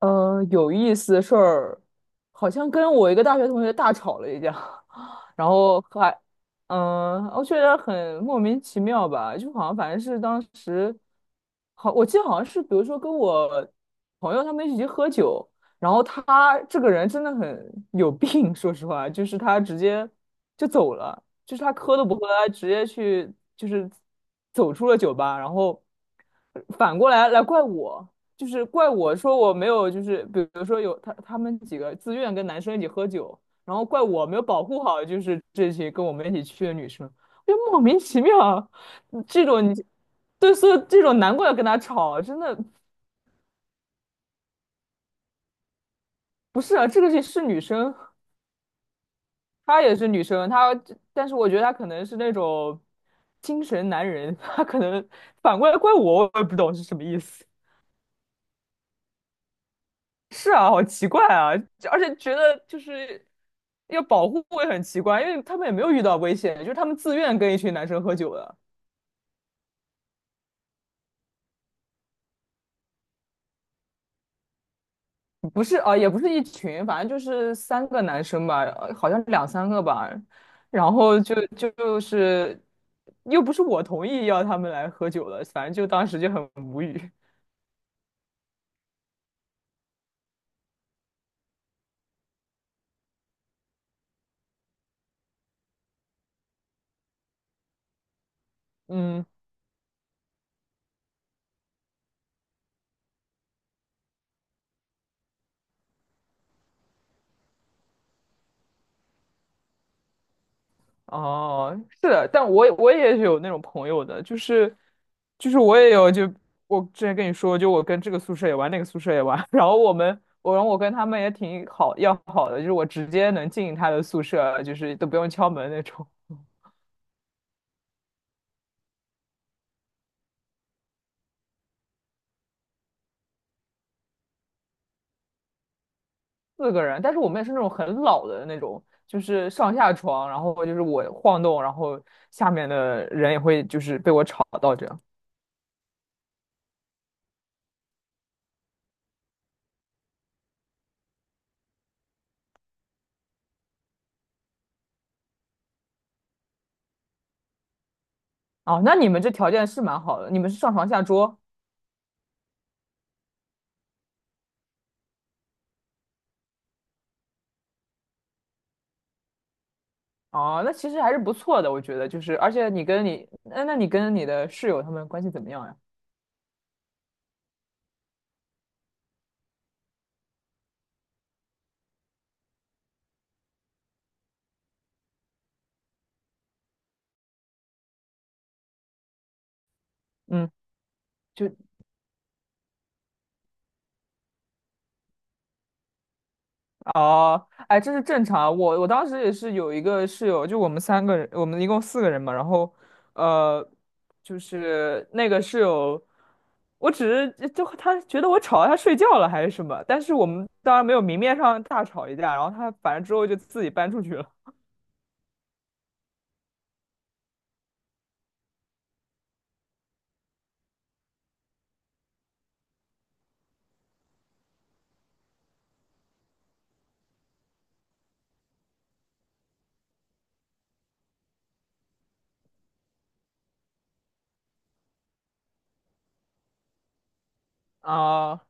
有意思的事儿，好像跟我一个大学同学大吵了一架，然后还，我觉得很莫名其妙吧，就好像反正是当时，好，我记得好像是，比如说跟我朋友他们一起喝酒，然后他这个人真的很有病，说实话，就是他直接就走了，就是他喝都不喝，他直接去就是走出了酒吧，然后反过来怪我。就是怪我说我没有，就是比如说有他们几个自愿跟男生一起喝酒，然后怪我没有保护好，就是这些跟我们一起去的女生，就莫名其妙，嗯这种你对，所以这种难怪要跟他吵，真的不是啊，这个是女生，她也是女生，她但是我觉得她可能是那种精神男人，她可能反过来怪我，我也不懂是什么意思。是啊，好奇怪啊，就而且觉得就是要保护会很奇怪，因为他们也没有遇到危险，就是他们自愿跟一群男生喝酒的，不是啊，也不是一群，反正就是三个男生吧，好像两三个吧，然后就是又不是我同意要他们来喝酒的，反正就当时就很无语，嗯。哦，是的，但我也是有那种朋友的，就是我也有，就我之前跟你说，就我跟这个宿舍也玩，那个宿舍也玩，然后我跟他们也挺要好的，就是我直接能进他的宿舍，就是都不用敲门那种，四个人，但是我们也是那种很老的那种，就是上下床，然后就是我晃动，然后下面的人也会就是被我吵到这样。哦，那你们这条件是蛮好的，你们是上床下桌。哦，那其实还是不错的，我觉得就是，而且你跟你的室友他们关系怎么样呀？嗯，就哦，哎，这是正常啊。我当时也是有一个室友，就我们三个人，我们一共四个人嘛。然后，呃，就是那个室友，我只是就他觉得我吵到他睡觉了还是什么，但是我们当然没有明面上大吵一架。然后他反正之后就自己搬出去了。啊、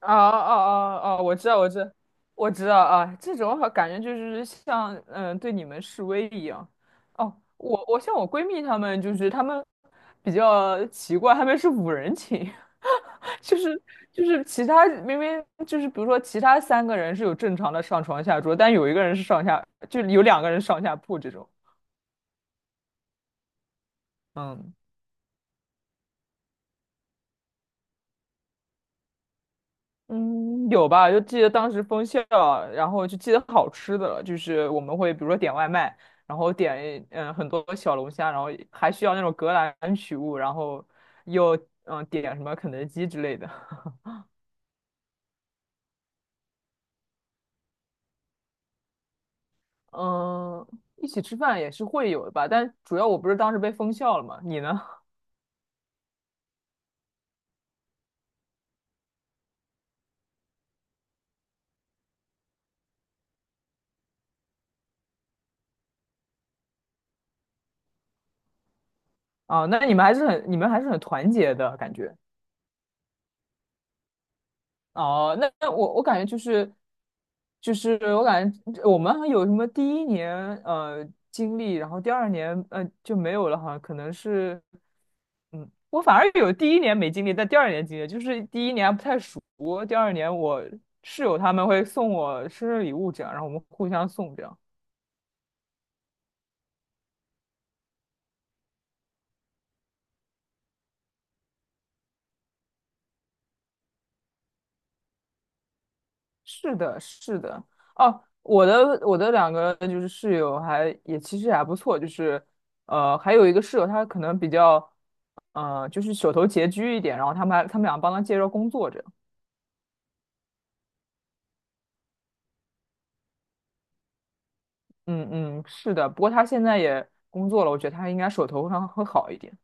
啊啊啊啊！我知道，我知道，我知道啊，这种好感觉就是像对你们示威一样。哦，我像我闺蜜她们，就是她们比较奇怪，她们是五人寝，就是就是其他明明就是比如说其他三个人是有正常的上床下桌，但有一个人是上下，就有两个人上下铺这种。嗯嗯，有吧？就记得当时封校，然后就记得好吃的了，就是我们会比如说点外卖，然后点很多小龙虾，然后还需要那种格兰取物，然后又点什么肯德基之类的。嗯，一起吃饭也是会有的吧，但主要我不是当时被封校了嘛，你呢？啊，那你们还是很团结的感觉。哦，那我感觉就是，就是我感觉我们好像有什么第一年经历，然后第二年就没有了，哈，可能是，嗯，我反而有第一年没经历，但第二年经历，就是第一年还不太熟，第二年我室友他们会送我生日礼物这样，然后我们互相送这样。是的，是的，哦，我的两个就是室友还也其实还不错，就是呃还有一个室友他可能比较。呃，就是手头拮据一点，然后他们俩帮他介绍工作着。嗯嗯，是的，不过他现在也工作了，我觉得他应该手头上会好一点。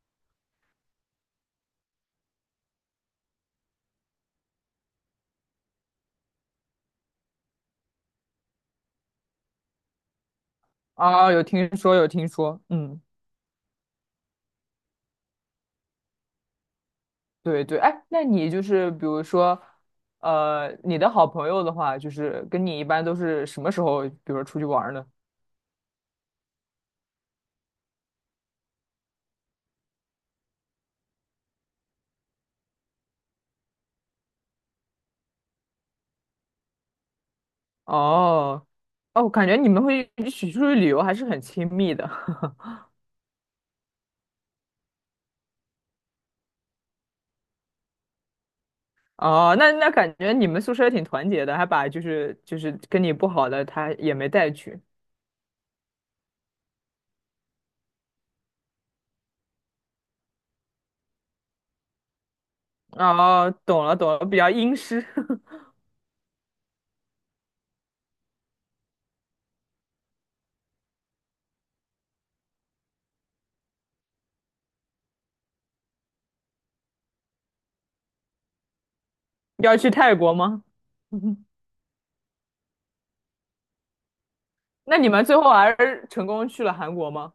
啊，有听说有听说，嗯，对对，哎，那你就是比如说，呃，你的好朋友的话，就是跟你一般都是什么时候，比如说出去玩儿呢？哦，哦，我感觉你们会一起出去旅游还是很亲密的。哦，那那感觉你们宿舍也挺团结的，还把就是跟你不好的他也没带去。哦，懂了懂了，比较阴湿。要去泰国吗？那你们最后还是成功去了韩国吗？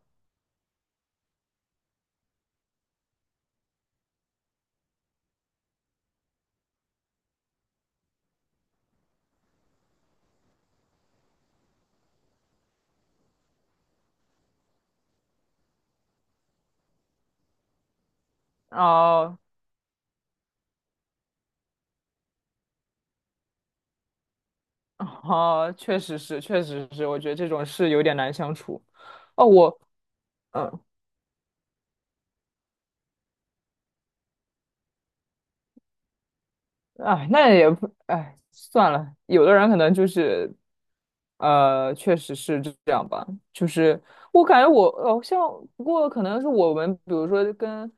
哦哦，确实是，确实是，我觉得这种事有点难相处。哦，我，嗯、哎，那也不，哎，算了。有的人可能就是，呃，确实是这样吧。就是我感觉我，哦，像不过可能是我们，比如说跟，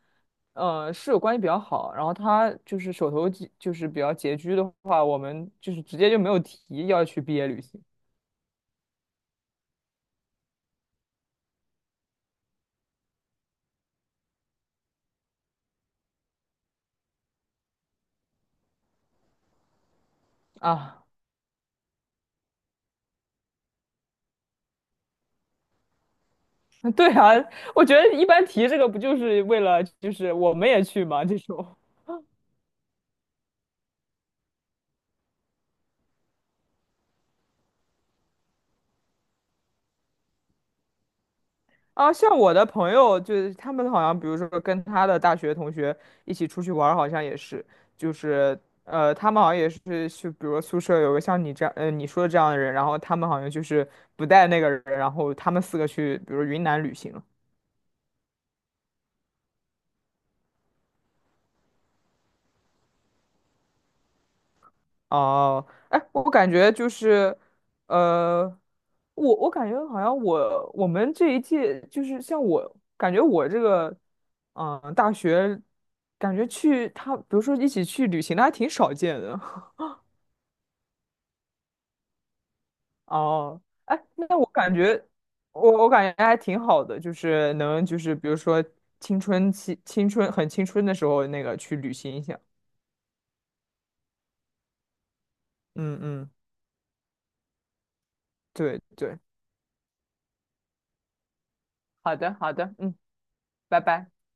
呃，室友关系比较好，然后他就是手头拮就是比较拮据的话，我们就是直接就没有提要去毕业旅行啊。对啊，我觉得一般提这个不就是为了就是我们也去嘛这种。啊，像我的朋友，就是他们好像，比如说跟他的大学同学一起出去玩儿好像也是，就是呃，他们好像也是去，比如说宿舍有个像你这样，呃，你说的这样的人，然后他们好像就是不带那个人，然后他们四个去，比如云南旅行了哦，哎，我感觉就是，呃，我感觉好像我们这一届就是像我感觉我这个。嗯，大学感觉去他，比如说一起去旅行的还挺少见的。哦，哎，那我感觉，我感觉还挺好的，就是能就是比如说青春很青春的时候，那个去旅行一下。嗯嗯，对对，好的好的，嗯，拜拜。